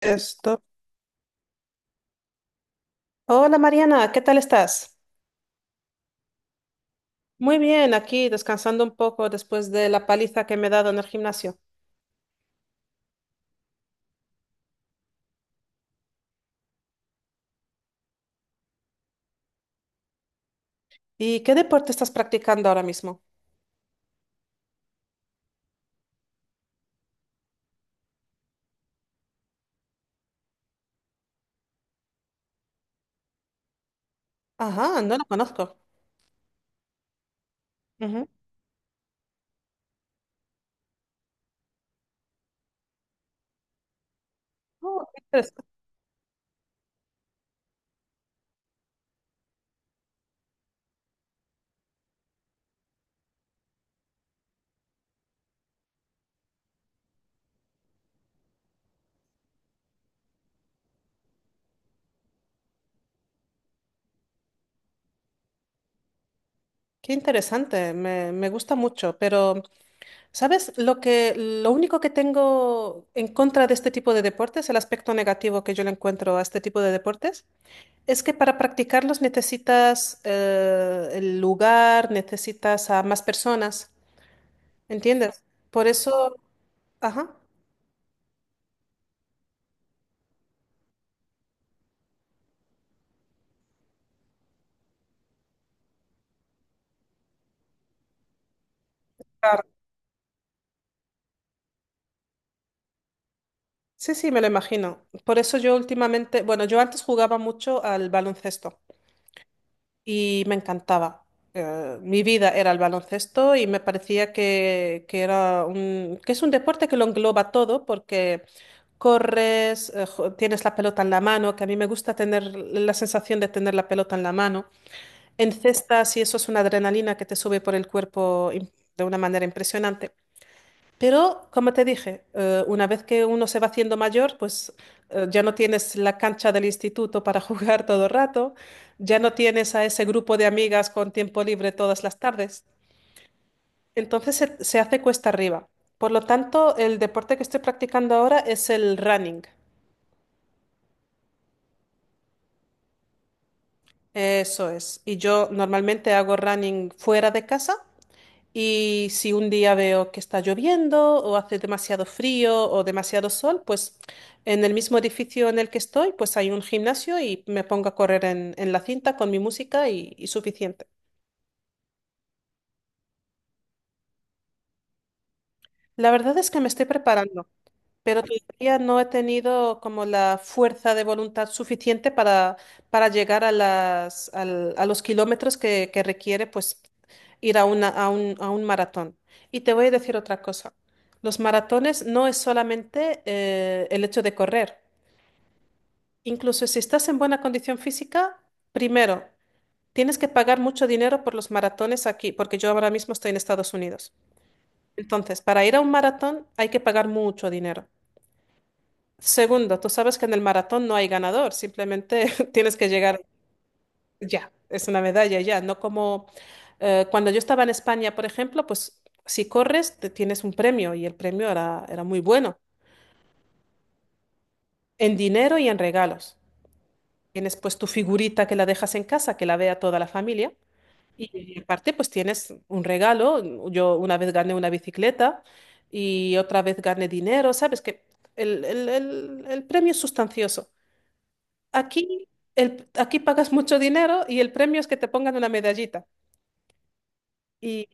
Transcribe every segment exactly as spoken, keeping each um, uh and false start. Esto. Hola Mariana, ¿qué tal estás? Muy bien, aquí descansando un poco después de la paliza que me he dado en el gimnasio. ¿Y qué deporte estás practicando ahora mismo? Ajá, no lo conozco. Ujú. Oh, qué interes- Qué interesante, me, me gusta mucho, pero ¿sabes lo que, lo único que tengo en contra de este tipo de deportes, el aspecto negativo que yo le encuentro a este tipo de deportes, es que para practicarlos necesitas eh, el lugar, necesitas a más personas? ¿Entiendes? Por eso, ajá, claro. Sí, sí, me lo imagino. Por eso yo últimamente, bueno, yo antes jugaba mucho al baloncesto y me encantaba. Eh, mi vida era el baloncesto y me parecía que, que era un, que es un deporte que lo engloba todo porque corres, eh, jo- tienes la pelota en la mano, que a mí me gusta tener la sensación de tener la pelota en la mano. Encestas y eso es una adrenalina que te sube por el cuerpo im- de una manera impresionante. Pero, como te dije, eh, una vez que uno se va haciendo mayor, pues eh, ya no tienes la cancha del instituto para jugar todo el rato, ya no tienes a ese grupo de amigas con tiempo libre todas las tardes. Entonces se, se hace cuesta arriba. Por lo tanto, el deporte que estoy practicando ahora es el running. Eso es. Y yo normalmente hago running fuera de casa. Y si un día veo que está lloviendo o hace demasiado frío o demasiado sol, pues en el mismo edificio en el que estoy, pues hay un gimnasio y me pongo a correr en, en la cinta con mi música y, y suficiente. La verdad es que me estoy preparando. Pero todavía no he tenido como la fuerza de voluntad suficiente para, para llegar a las, al- a los kilómetros que, que requiere pues ir a una, a un, a un maratón. Y te voy a decir otra cosa. Los maratones no es solamente eh, el hecho de correr. Incluso si estás en buena condición física, primero, tienes que pagar mucho dinero por los maratones aquí, porque yo ahora mismo estoy en Estados Unidos. Entonces, para ir a un maratón hay que pagar mucho dinero. Segundo, tú sabes que en el maratón no hay ganador, simplemente tienes que llegar ya, es una medalla ya, no como eh, cuando yo estaba en España, por ejemplo, pues si corres te tienes un premio y el premio era, era muy bueno, en dinero y en regalos. Tienes pues tu figurita que la dejas en casa, que la vea toda la familia y aparte pues tienes un regalo, yo una vez gané una bicicleta y otra vez gané dinero, sabes que el el- el- el premio es sustancioso. Aquí, el, aquí pagas mucho dinero y el premio es que te pongan una medallita. Y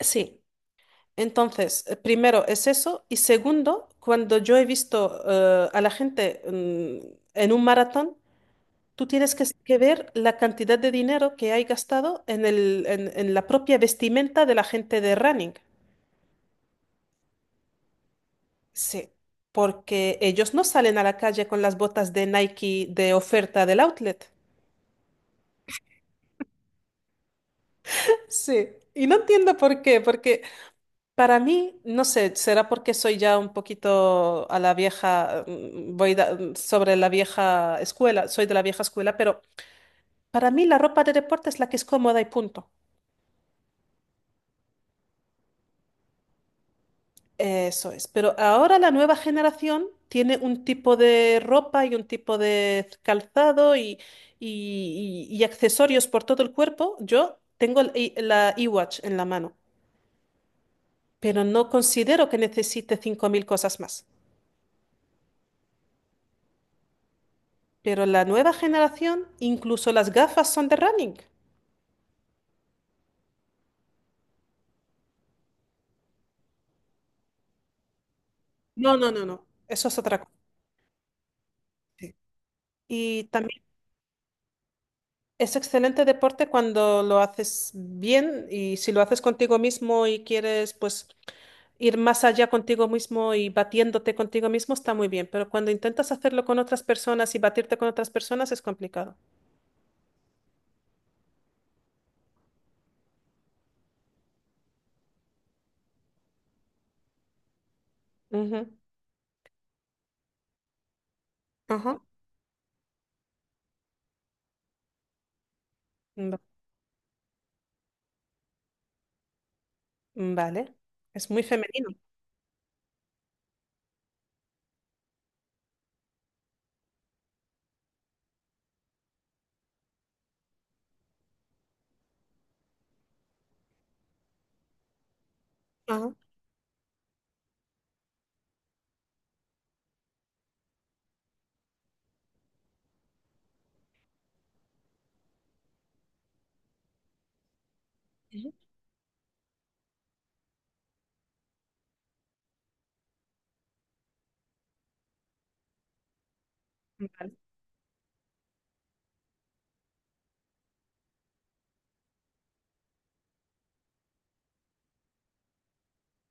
sí, entonces, eh, primero es eso. Y segundo, cuando yo he visto eh, a la gente mm, en un maratón, tú tienes que, que ver la cantidad de dinero que hay gastado en el, en, en la propia vestimenta de la gente de running. Sí, porque ellos no salen a la calle con las botas de Nike de oferta del outlet. Sí, y no entiendo por qué, porque para mí, no sé, será porque soy ya un poquito a la vieja, mm, voy da- mm, sobre la vieja escuela, soy de la vieja escuela, pero para mí la ropa de deporte es la que es cómoda y punto. Eso es. Pero ahora la nueva generación tiene un tipo de ropa y un tipo de calzado y, y- y- y accesorios por todo el cuerpo. Yo tengo el i- la iWatch en la mano, pero no considero que necesite cinco mil cosas más. Pero la nueva generación, incluso las gafas son de running. No, no, no, no. Eso es otra cosa. Sí. Y también es excelente deporte cuando lo haces bien y si lo haces contigo mismo y quieres pues ir más allá contigo mismo y batiéndote contigo mismo está muy bien, pero cuando intentas hacerlo con otras personas y batirte con otras personas es complicado. Ujú. Ajá. Va- Vale. Es muy femenino. Ajá. Ujú. Vale.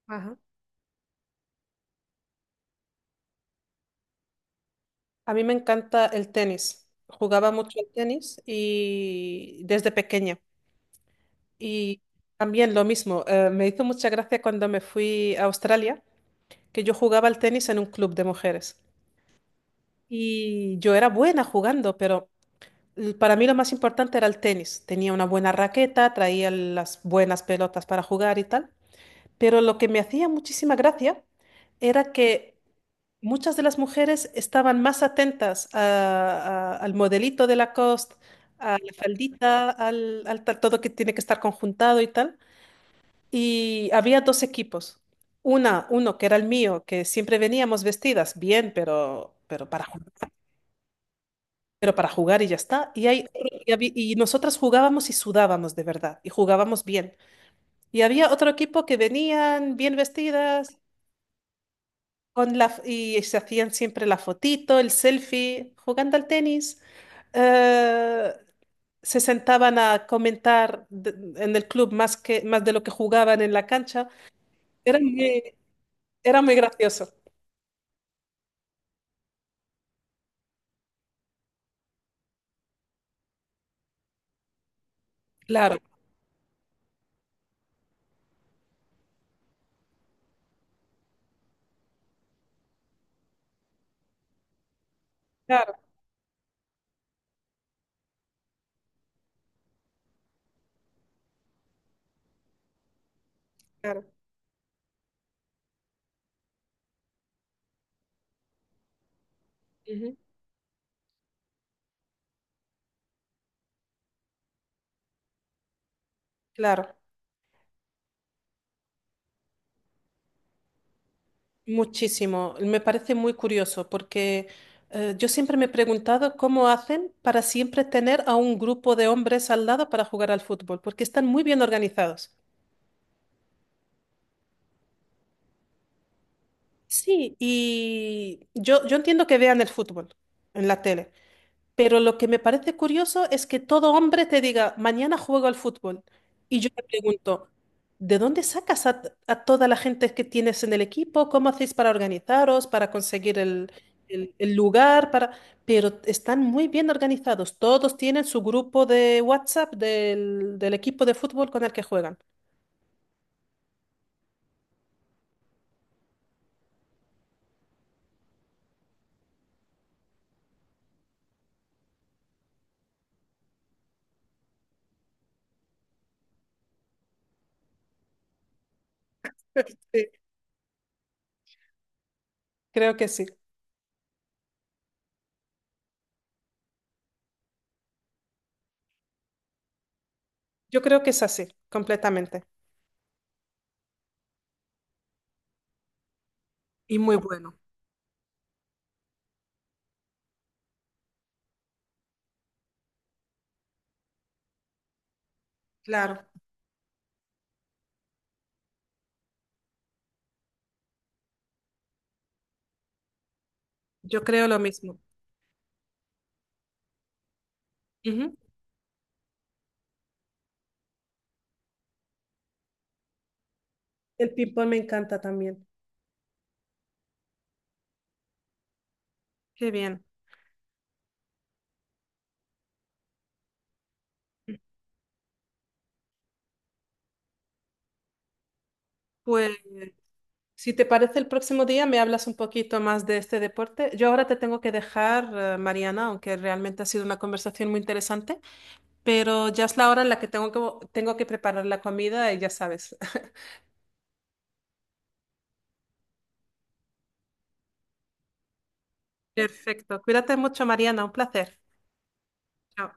Ajá. A mí me encanta el tenis. Jugaba mucho al tenis y desde pequeña. Y también lo mismo, eh, me hizo mucha gracia cuando me fui a Australia, que yo jugaba al tenis en un club de mujeres. Y yo era buena jugando, pero l- para mí lo más importante era el tenis. Tenía una buena raqueta, traía las buenas pelotas para jugar y tal. Pero lo que me hacía muchísima gracia era que muchas de las mujeres estaban más atentas a- a- al modelito de Lacoste, a la faldita, al, al tal- todo que tiene que estar conjuntado y tal. Y había dos equipos. Una, uno que era el mío, que siempre veníamos vestidas bien, pero, pero para, ju- pero para jugar y ya está. Y, hay, y, habí- y nosotras jugábamos y sudábamos de verdad, y jugábamos bien. Y había otro equipo que venían bien vestidas. Con la, f- y se hacían siempre la fotito, el selfie, jugando al tenis. Eh, Se sentaban a comentar de- en el club más que, más de lo que jugaban en la cancha. Era muy, Era muy gracioso. Claro, claro, claro. Ujú. Claro, muchísimo. Me parece muy curioso porque eh, yo siempre me he preguntado cómo hacen para siempre tener a un grupo de hombres al lado para jugar al fútbol, porque están muy bien organizados. Sí, y yo, yo entiendo que vean el fútbol en la tele, pero lo que me parece curioso es que todo hombre te diga, mañana juego al fútbol. Y yo te pregunto, ¿de dónde sacas a, a toda la gente que tienes en el equipo? ¿Cómo hacéis para organizaros, para conseguir el, el- el lugar? Para... Pero están muy bien organizados. Todos tienen su grupo de WhatsApp del, del equipo de fútbol con el que juegan. Sí, creo que sí. Yo creo que es así, completamente. Y muy bueno. Claro, yo creo lo mismo. Ujú. El ping-pong me encanta también. Qué bien. Pues, si te parece, el próximo día me hablas un poquito más de este deporte. Yo ahora te tengo que dejar, eh, Mariana, aunque realmente ha sido una conversación muy interesante, pero ya es la hora en la que tengo que, tengo que preparar la comida y ya sabes. Perfecto. Cuídate mucho, Mariana. Un placer. Chao.